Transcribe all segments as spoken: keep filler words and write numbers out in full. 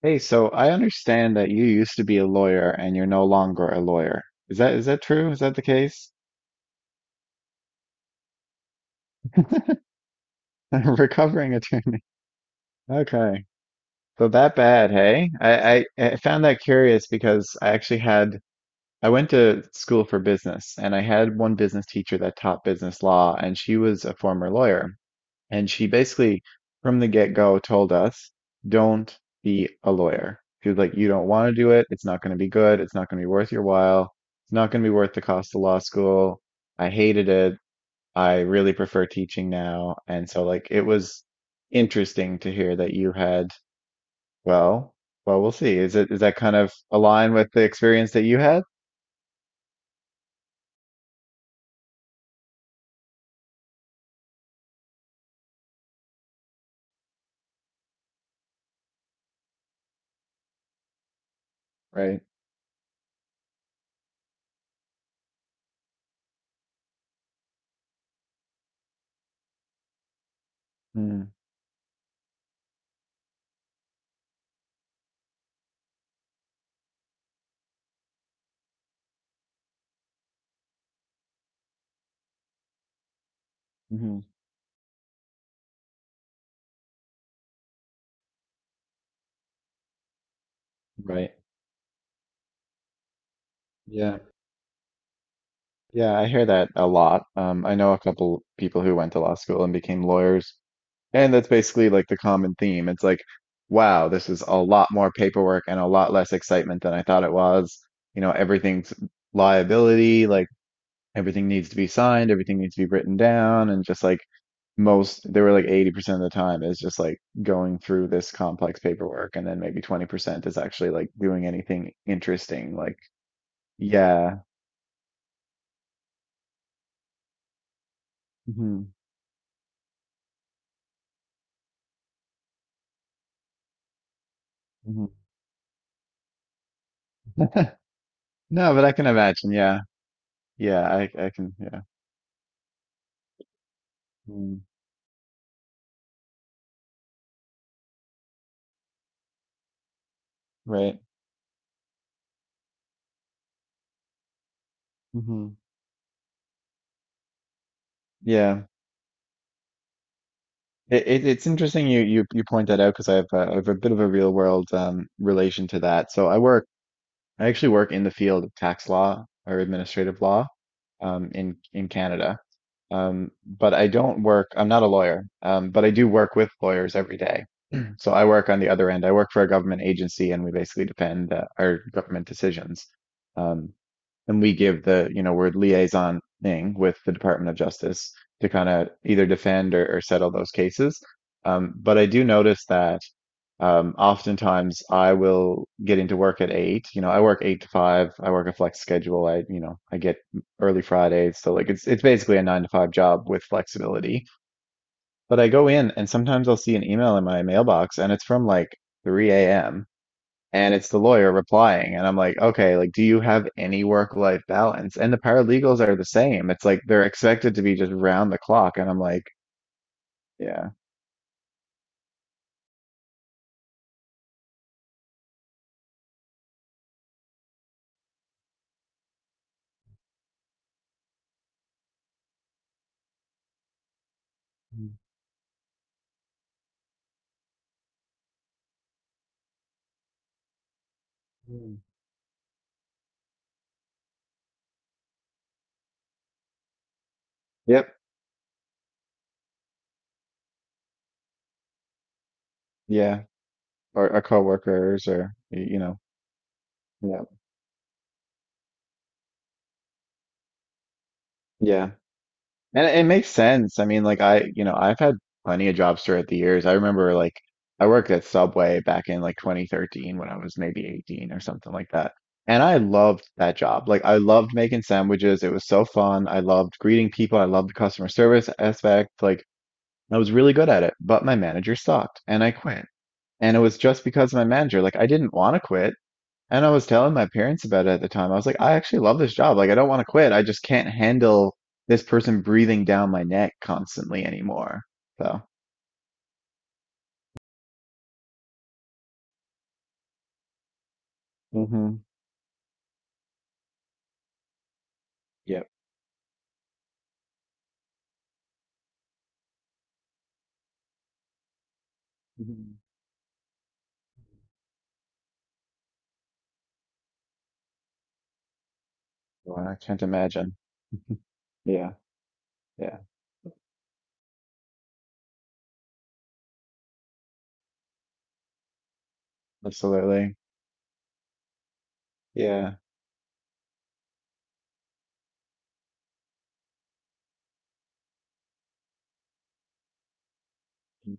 Hey, so I understand that you used to be a lawyer and you're no longer a lawyer. Is that is that true? Is that the case? Recovering attorney. Okay. So that bad, hey? I, I I found that curious because I actually had I went to school for business and I had one business teacher that taught business law and she was a former lawyer. And she basically, from the get-go, told us, don't be a lawyer. She was like, you don't want to do it. It's not going to be good. It's not going to be worth your while. It's not going to be worth the cost of law school. I hated it. I really prefer teaching now. And so, like, it was interesting to hear that you had, well, well, we'll see. Is it, is that kind of align with the experience that you had? Right. Mm-hmm. Mm-hmm. Right. Yeah. Yeah, I hear that a lot. Um, I know a couple people who went to law school and became lawyers, and that's basically like the common theme. It's like, wow, this is a lot more paperwork and a lot less excitement than I thought it was. You know, everything's liability, like everything needs to be signed, everything needs to be written down, and just like most, they were like eighty percent of the time is just like going through this complex paperwork, and then maybe twenty percent is actually like doing anything interesting. Like, yeah. hmm hmm No, but I can imagine. Yeah. Yeah, I I can yeah. Mm, right. hmm Yeah. It, it it's interesting you you you point that out because I have a, I have a bit of a real world um relation to that. So I work I actually work in the field of tax law or administrative law um in in Canada. Um but I don't work I'm not a lawyer. Um but I do work with lawyers every day. So I work on the other end. I work for a government agency and we basically defend uh, our government decisions. Um and we give the, you know, we're liaisoning with the Department of Justice to kind of either defend or, or settle those cases. Um, but I do notice that um, oftentimes I will get into work at eight. You know, I work eight to five. I work a flex schedule. I, you know, I get early Fridays. So like it's it's basically a nine to five job with flexibility. But I go in and sometimes I'll see an email in my mailbox and it's from like three a m. And it's the lawyer replying, and I'm like, okay, like, do you have any work-life balance? And the paralegals are the same. It's like they're expected to be just round the clock, and I'm like, yeah, yep, yeah, or, or coworkers, or y- you know, yeah, yeah. And it it makes sense. I mean, like I, you know, I've had plenty of jobs throughout the years. I remember like I worked at Subway back in like twenty thirteen when I was maybe eighteen or something like that. And I loved that job. Like I loved making sandwiches. It was so fun. I loved greeting people. I loved the customer service aspect. Like I was really good at it, but my manager sucked and I quit. And it was just because of my manager. Like I didn't want to quit. And I was telling my parents about it at the time. I was like, I actually love this job. Like, I don't want to quit. I just can't handle this person breathing down my neck constantly anymore. So, hmm yep. Mhm. Well, I can't imagine. Yeah. Yeah. Absolutely. Yeah. Yeah.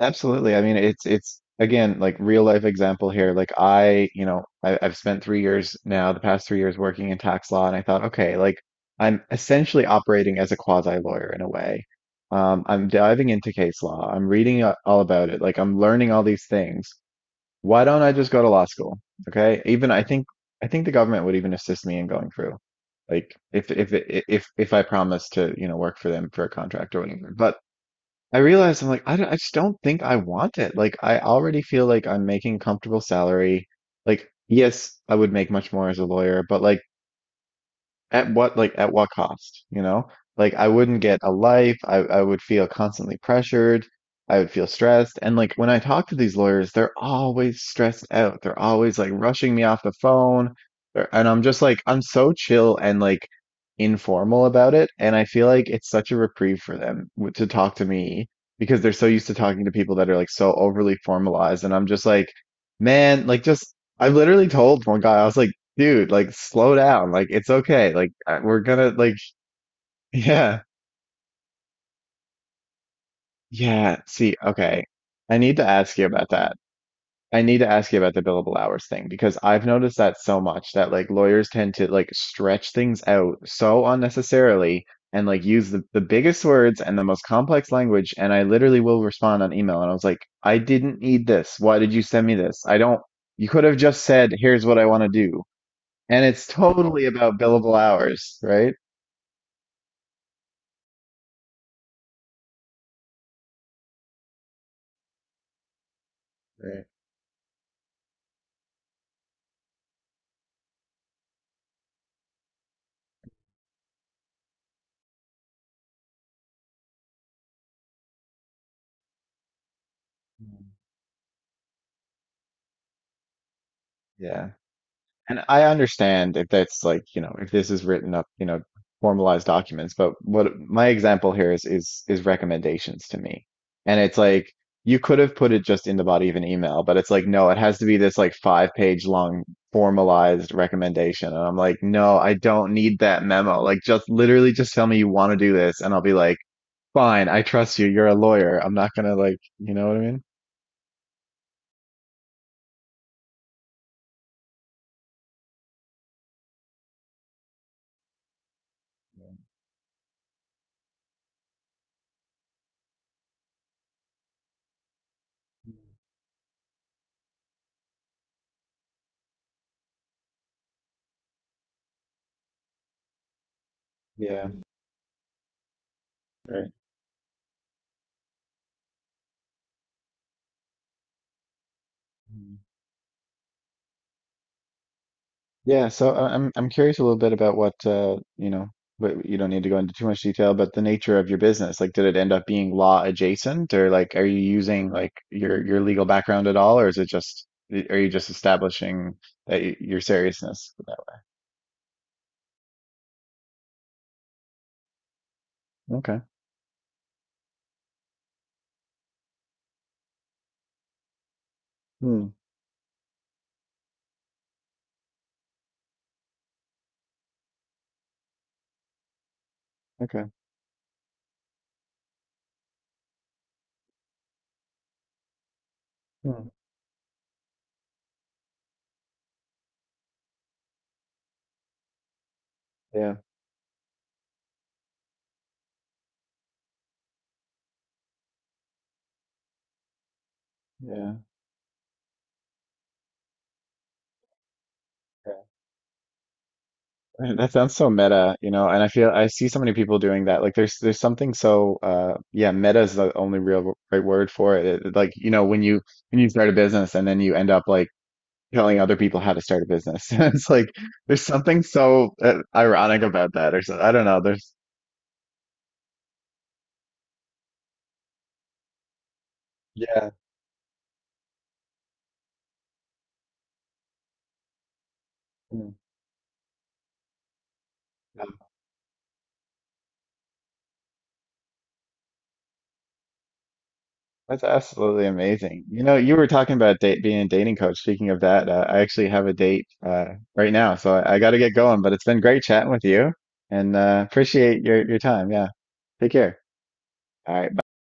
Absolutely. I mean, it's it's again like real life example here. Like I, you know, I, I've spent three years now, the past three years working in tax law, and I thought, okay, like I'm essentially operating as a quasi lawyer in a way. Um, I'm diving into case law. I'm reading a- all about it. Like I'm learning all these things. Why don't I just go to law school? Okay. Even I think I think the government would even assist me in going through. Like if if if if I promise to, you know, work for them for a contract or whatever. But I realized I'm like, I don't, I just don't think I want it. Like, I already feel like I'm making comfortable salary. Like, yes, I would make much more as a lawyer, but like, at what like at what cost, you know? Like I wouldn't get a life. I I would feel constantly pressured. I would feel stressed. And like when I talk to these lawyers, they're always stressed out. They're always like rushing me off the phone. They're- And I'm just like I'm so chill and like informal about it. And I feel like it's such a reprieve for them w- to talk to me because they're so used to talking to people that are like so overly formalized. And I'm just like, man, like just I've literally told one guy, I was like, dude, like slow down. Like it's okay. Like uh, we're gonna like yeah. Yeah. See, okay. I need to ask you about that. I need to ask you about the billable hours thing because I've noticed that so much that like lawyers tend to like stretch things out so unnecessarily and like use the, the biggest words and the most complex language. And I literally will respond on email and I was like, I didn't need this. Why did you send me this? I don't, you could have just said, here's what I want to do. And it's totally about billable hours, right? Right. Yeah. And I understand if that's like, you know, if this is written up, you know, formalized documents, but what my example here is is is recommendations to me. And it's like you could have put it just in the body of an email, but it's like, no, it has to be this like five page long formalized recommendation. And I'm like, no, I don't need that memo. Like just literally just tell me you want to do this and I'll be like, fine, I trust you. You're a lawyer. I'm not gonna like, you know what I mean? Yeah. Right. Yeah, so uh, I'm I'm curious a little bit about what uh, you know, but you don't need to go into too much detail, but the nature of your business. Like, did it end up being law adjacent, or like, are you using like your your legal background at all, or is it just are you just establishing that y your seriousness? With that? One? Okay. Hmm. Okay. Hmm. Yeah. Yeah. Yeah. That sounds so meta, you know, and I feel I see so many people doing that. Like there's there's something so uh yeah, meta is the only real right word for it. It- it- Like, you know, when you when you start a business and then you end up like telling other people how to start a business. It's like there's something so uh, ironic about that, or so, I don't know. There's yeah, mm. That's absolutely amazing. You know, you were talking about date, being a dating coach. Speaking of that, uh, I actually have a date uh, right now, so I, I got to get going. But it's been great chatting with you, and uh, appreciate your your time. Yeah, take care. All right, bye.